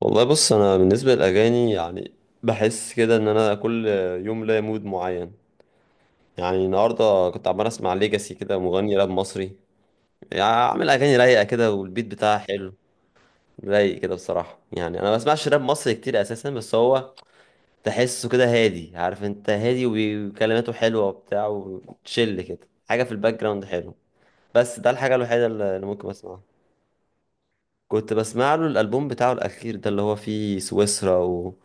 والله، بص انا بالنسبه للاغاني يعني بحس كده ان انا كل يوم ليا مود معين. يعني النهارده كنت عمال اسمع ليجاسي، كده مغني راب مصري. يعني عامل اغاني رايقه كده، والبيت بتاعها حلو. رايق كده بصراحه. يعني انا ما بسمعش راب مصري كتير اساسا، بس هو تحسه كده هادي، عارف انت، هادي وكلماته حلوه وبتاع، وتشيل كده حاجه في الباك جراوند حلو. بس ده الحاجه الوحيده اللي ممكن اسمعها. كنت بسمع له الالبوم بتاعه الاخير ده، اللي هو فيه سويسرا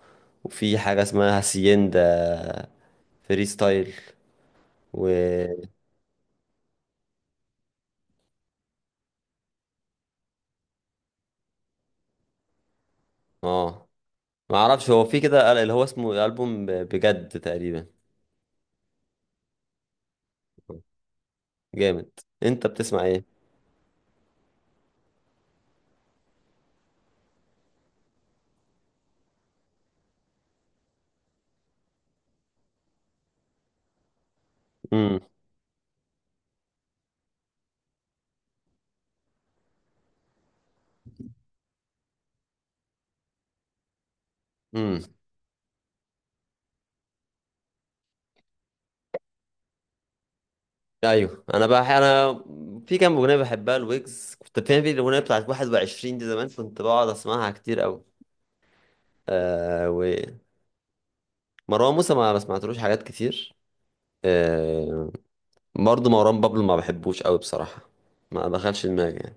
وفي حاجه اسمها هاسيندا فري ستايل و اه، ما اعرفش، هو في كده اللي هو اسمه البوم بجد تقريبا. جامد. انت بتسمع ايه؟ امم. امم. ايوه. انا بقى، انا في كام اغنيه بحبها الويجز، كنت فاهم، في الاغنيه بتاعت 21 دي، زمان كنت بقعد اسمعها كتير قوي. آه. ومروان موسى ما سمعتلوش حاجات كتير. آه. برضه مروان بابلو ما بحبوش قوي بصراحة. ما دخلش دماغي يعني.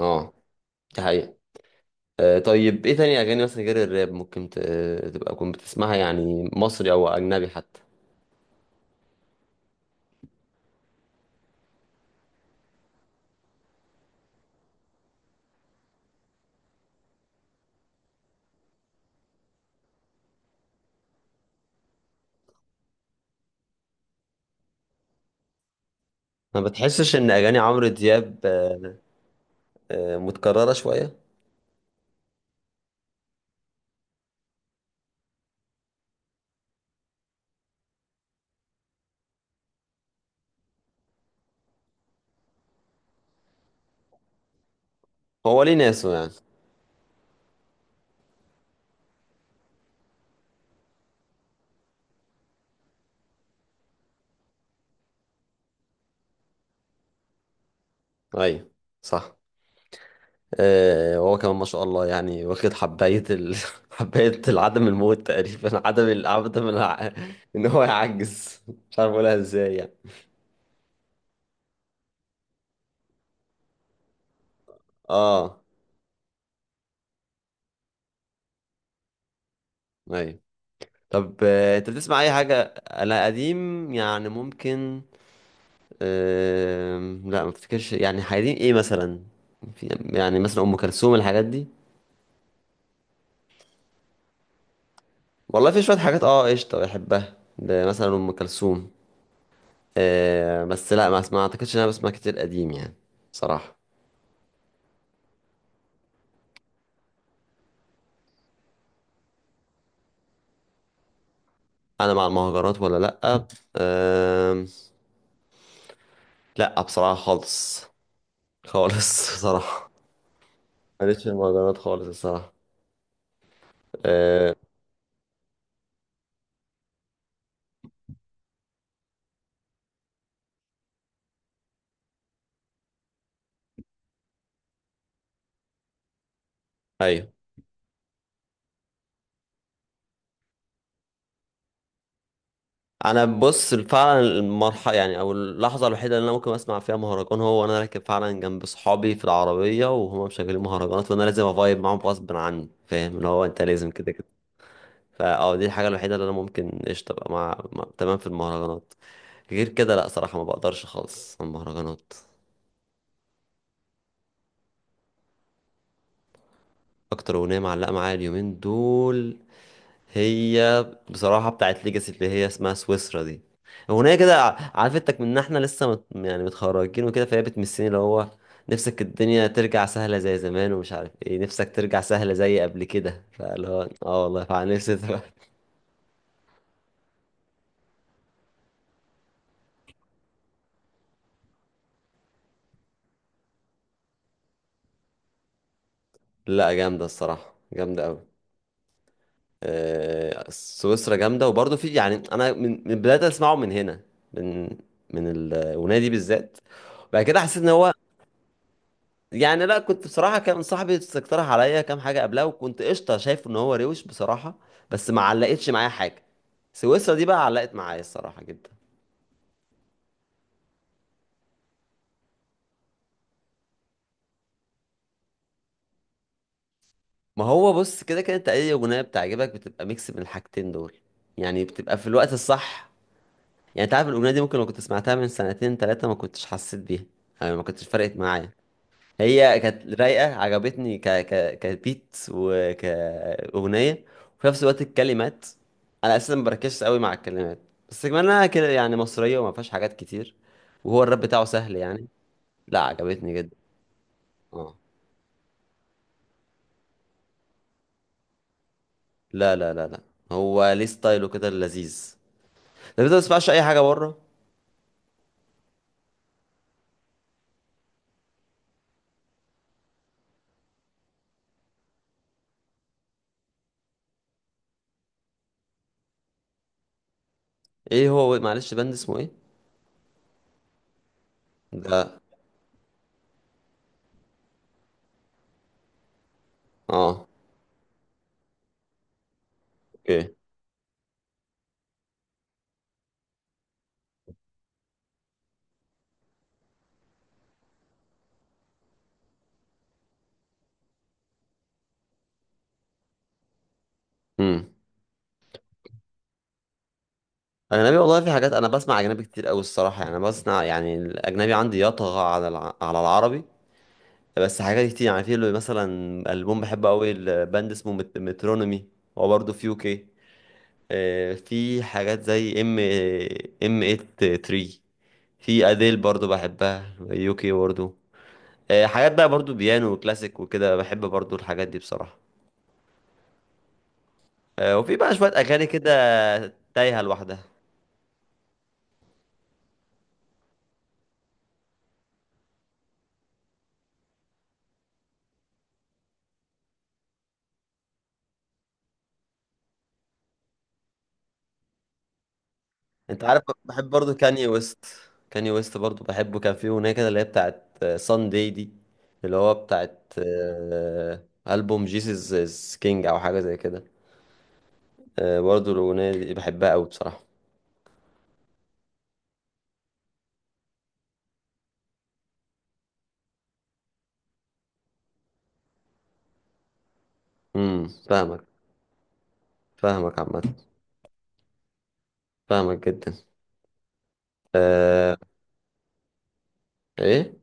اه، دي حقيقة. طيب، ايه تاني اغاني مثلا غير الراب ممكن تبقى كنت بتسمعها؟ يعني مصري او اجنبي حتى. ما بتحسش ان اغاني عمرو دياب آه، آه، متكررة شوية؟ هو ليه ناسه يعني. ايوه، صح. آه، هو كمان ما شاء الله، يعني واخد حباية حباية العدم، الموت تقريبا، ان هو يعجز. مش عارف اقولها ازاي يعني. اه. ايوه. طب، انت بتسمع اي حاجة؟ انا قديم يعني ممكن. لا، ما افتكرش. يعني قديم ايه مثلا؟ في يعني مثلا ام كلثوم، الحاجات دي. والله، في شوية حاجات قشطة بحبها، ده مثلا ام كلثوم. آه، بس لا، ما اعتقدش ان انا بسمع كتير قديم يعني، صراحة. انا مع المهرجانات ولا لا؟ لا، بصراحة خالص. خالص. صراحة. ماليش في المهرجانات خالص الصراحة. آه. ايوه. انا بص، فعلا المرحله يعني او اللحظه الوحيده اللي انا ممكن اسمع فيها مهرجان، هو وانا راكب فعلا جنب صحابي في العربيه وهما مشغلين مهرجانات، وانا لازم افايب معاهم غصب عني. فاهم، اللي هو انت لازم كده كده. فاه، دي الحاجه الوحيده اللي انا ممكن قشطه ابقى تمام في المهرجانات. غير كده لا، صراحه ما بقدرش خالص على المهرجانات. اكتر اغنيه معلقه معايا اليومين دول، هي بصراحة بتاعت ليجاسي، اللي هي اسمها سويسرا دي. أغنية كده عرفتك من إن إحنا لسه مت يعني متخرجين وكده، فهي بتمسني، اللي هو نفسك الدنيا ترجع سهلة زي زمان، ومش عارف إيه، نفسك ترجع سهلة زي قبل كده. فاللي هو والله فعلا نفسي لا، جامدة الصراحة، جامدة أوي. آه، سويسرا جامدة، وبرضه في يعني، أنا من بداية أسمعه من هنا، من من الأغنية دي بالذات. بعد كده حسيت إن هو، يعني لا، كنت بصراحة، كان صاحبي استقترح عليا كام حاجة قبلها، وكنت قشطة شايف ان هو روش بصراحة، بس ما علقتش معايا حاجة. سويسرا دي بقى علقت معايا الصراحة جدا. ما هو بص، كده كده انت اي اغنية بتعجبك بتبقى ميكس من الحاجتين دول. يعني بتبقى في الوقت الصح. يعني انت عارف الاغنية دي، ممكن لو كنت سمعتها من سنتين تلاتة ما كنتش حسيت بيها. يعني ما كنتش فرقت معايا. هي كانت رايقة، عجبتني ك كبيت وكأغنية. وفي نفس الوقت الكلمات، أنا أساسا ما بركزش قوي مع الكلمات، بس كمان أنا كده يعني مصرية وما فيهاش حاجات كتير، وهو الراب بتاعه سهل يعني. لا، عجبتني جدا. اه. لا لا لا لا، هو ليه ستايله كده اللذيذ، ده ما تسمعش أي حاجة بره. ايه هو، معلش، باند اسمه ايه؟ ده. اه. اوكي. امم. اجنبي، والله في حاجات انا بسمع اجنبي كتير قوي الصراحه. يعني أنا بسمع، يعني الاجنبي عندي يطغى على على العربي. بس حاجات كتير، يعني في اللي مثلا ألبوم بحبه قوي، الباند اسمه مترونومي. هو برضه في يوكي. آه، في حاجات زي ام 83. في اديل برضه بحبها، يوكي برضه. آه، حاجات بقى برضه بيانو وكلاسيك وكده، بحب برضه الحاجات دي بصراحة. آه، وفي بقى شوية أغاني كده تايهة لوحدها. انت عارف، بحب برضو كاني ويست. كاني ويست برضو بحبه، كان فيه اغنيه كده اللي هي بتاعت سان داي دي، اللي هو بتاعت البوم جيسس از كينج، او حاجه زي كده. آه، برضو الاغنيه دي بحبها قوي بصراحه. امم. فاهمك. فاهمك عامه. فاهمك جدا. أه. ايه.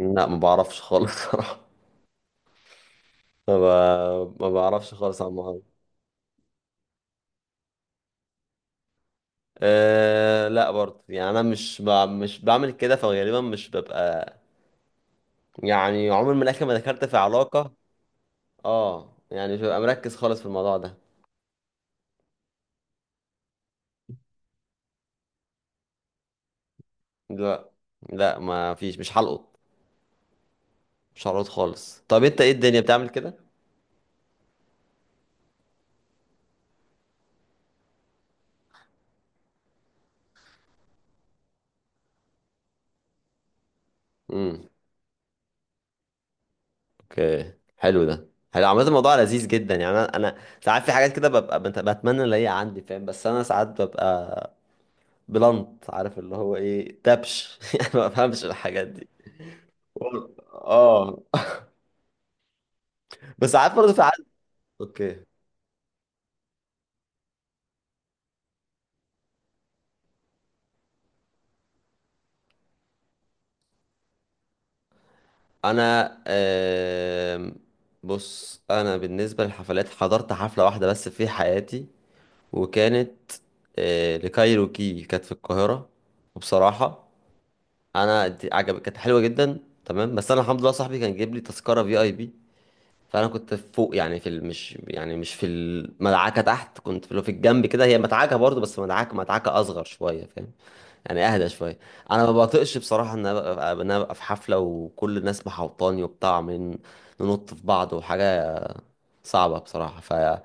لا، ما بعرفش خالص صراحه. ما, ما بعرفش خالص عن الموضوع. أه، لا برضو، يعني انا مش بعمل كده، فغالبا مش ببقى. يعني عمري، من الاخر، ما دخلت في علاقة. اه، يعني مش ببقى مركز خالص في الموضوع ده. لا. لا، ما فيش، مش هلقط. مش هلقط خالص. طب انت ايه؟ الدنيا بتعمل كده. امم. اوكي، حلو ده. حلو عامة، الموضوع لذيذ جدا. يعني انا ساعات في حاجات كده ببقى بتمنى ان هي عندي، فاهم، بس انا ساعات ببقى بلنت، عارف اللي هو ايه دبش يعني ما بفهمش الحاجات دي. والله. اه. بس عارف برضه، في عادي. اوكي. انا بص انا بالنسبه للحفلات، حضرت حفله واحده بس في حياتي، وكانت آه، لكايروكي، كانت في القاهرة. وبصراحة أنا دي عجب، كانت حلوة جدا، تمام، بس أنا الحمد لله صاحبي كان جايب لي تذكرة في أي بي. فأنا كنت فوق، يعني مش يعني مش في المدعكة تحت، كنت في اللي في الجنب كده، هي مدعكة برضه، بس مدعكة مدعكة أصغر شوية، فاهم؟ يعني أهدى شوية. أنا ما بطيقش بصراحة إن أنا أبقى، في حفلة وكل الناس محوطاني وبتاع، عمالين ننط في بعض، وحاجة صعبة بصراحة.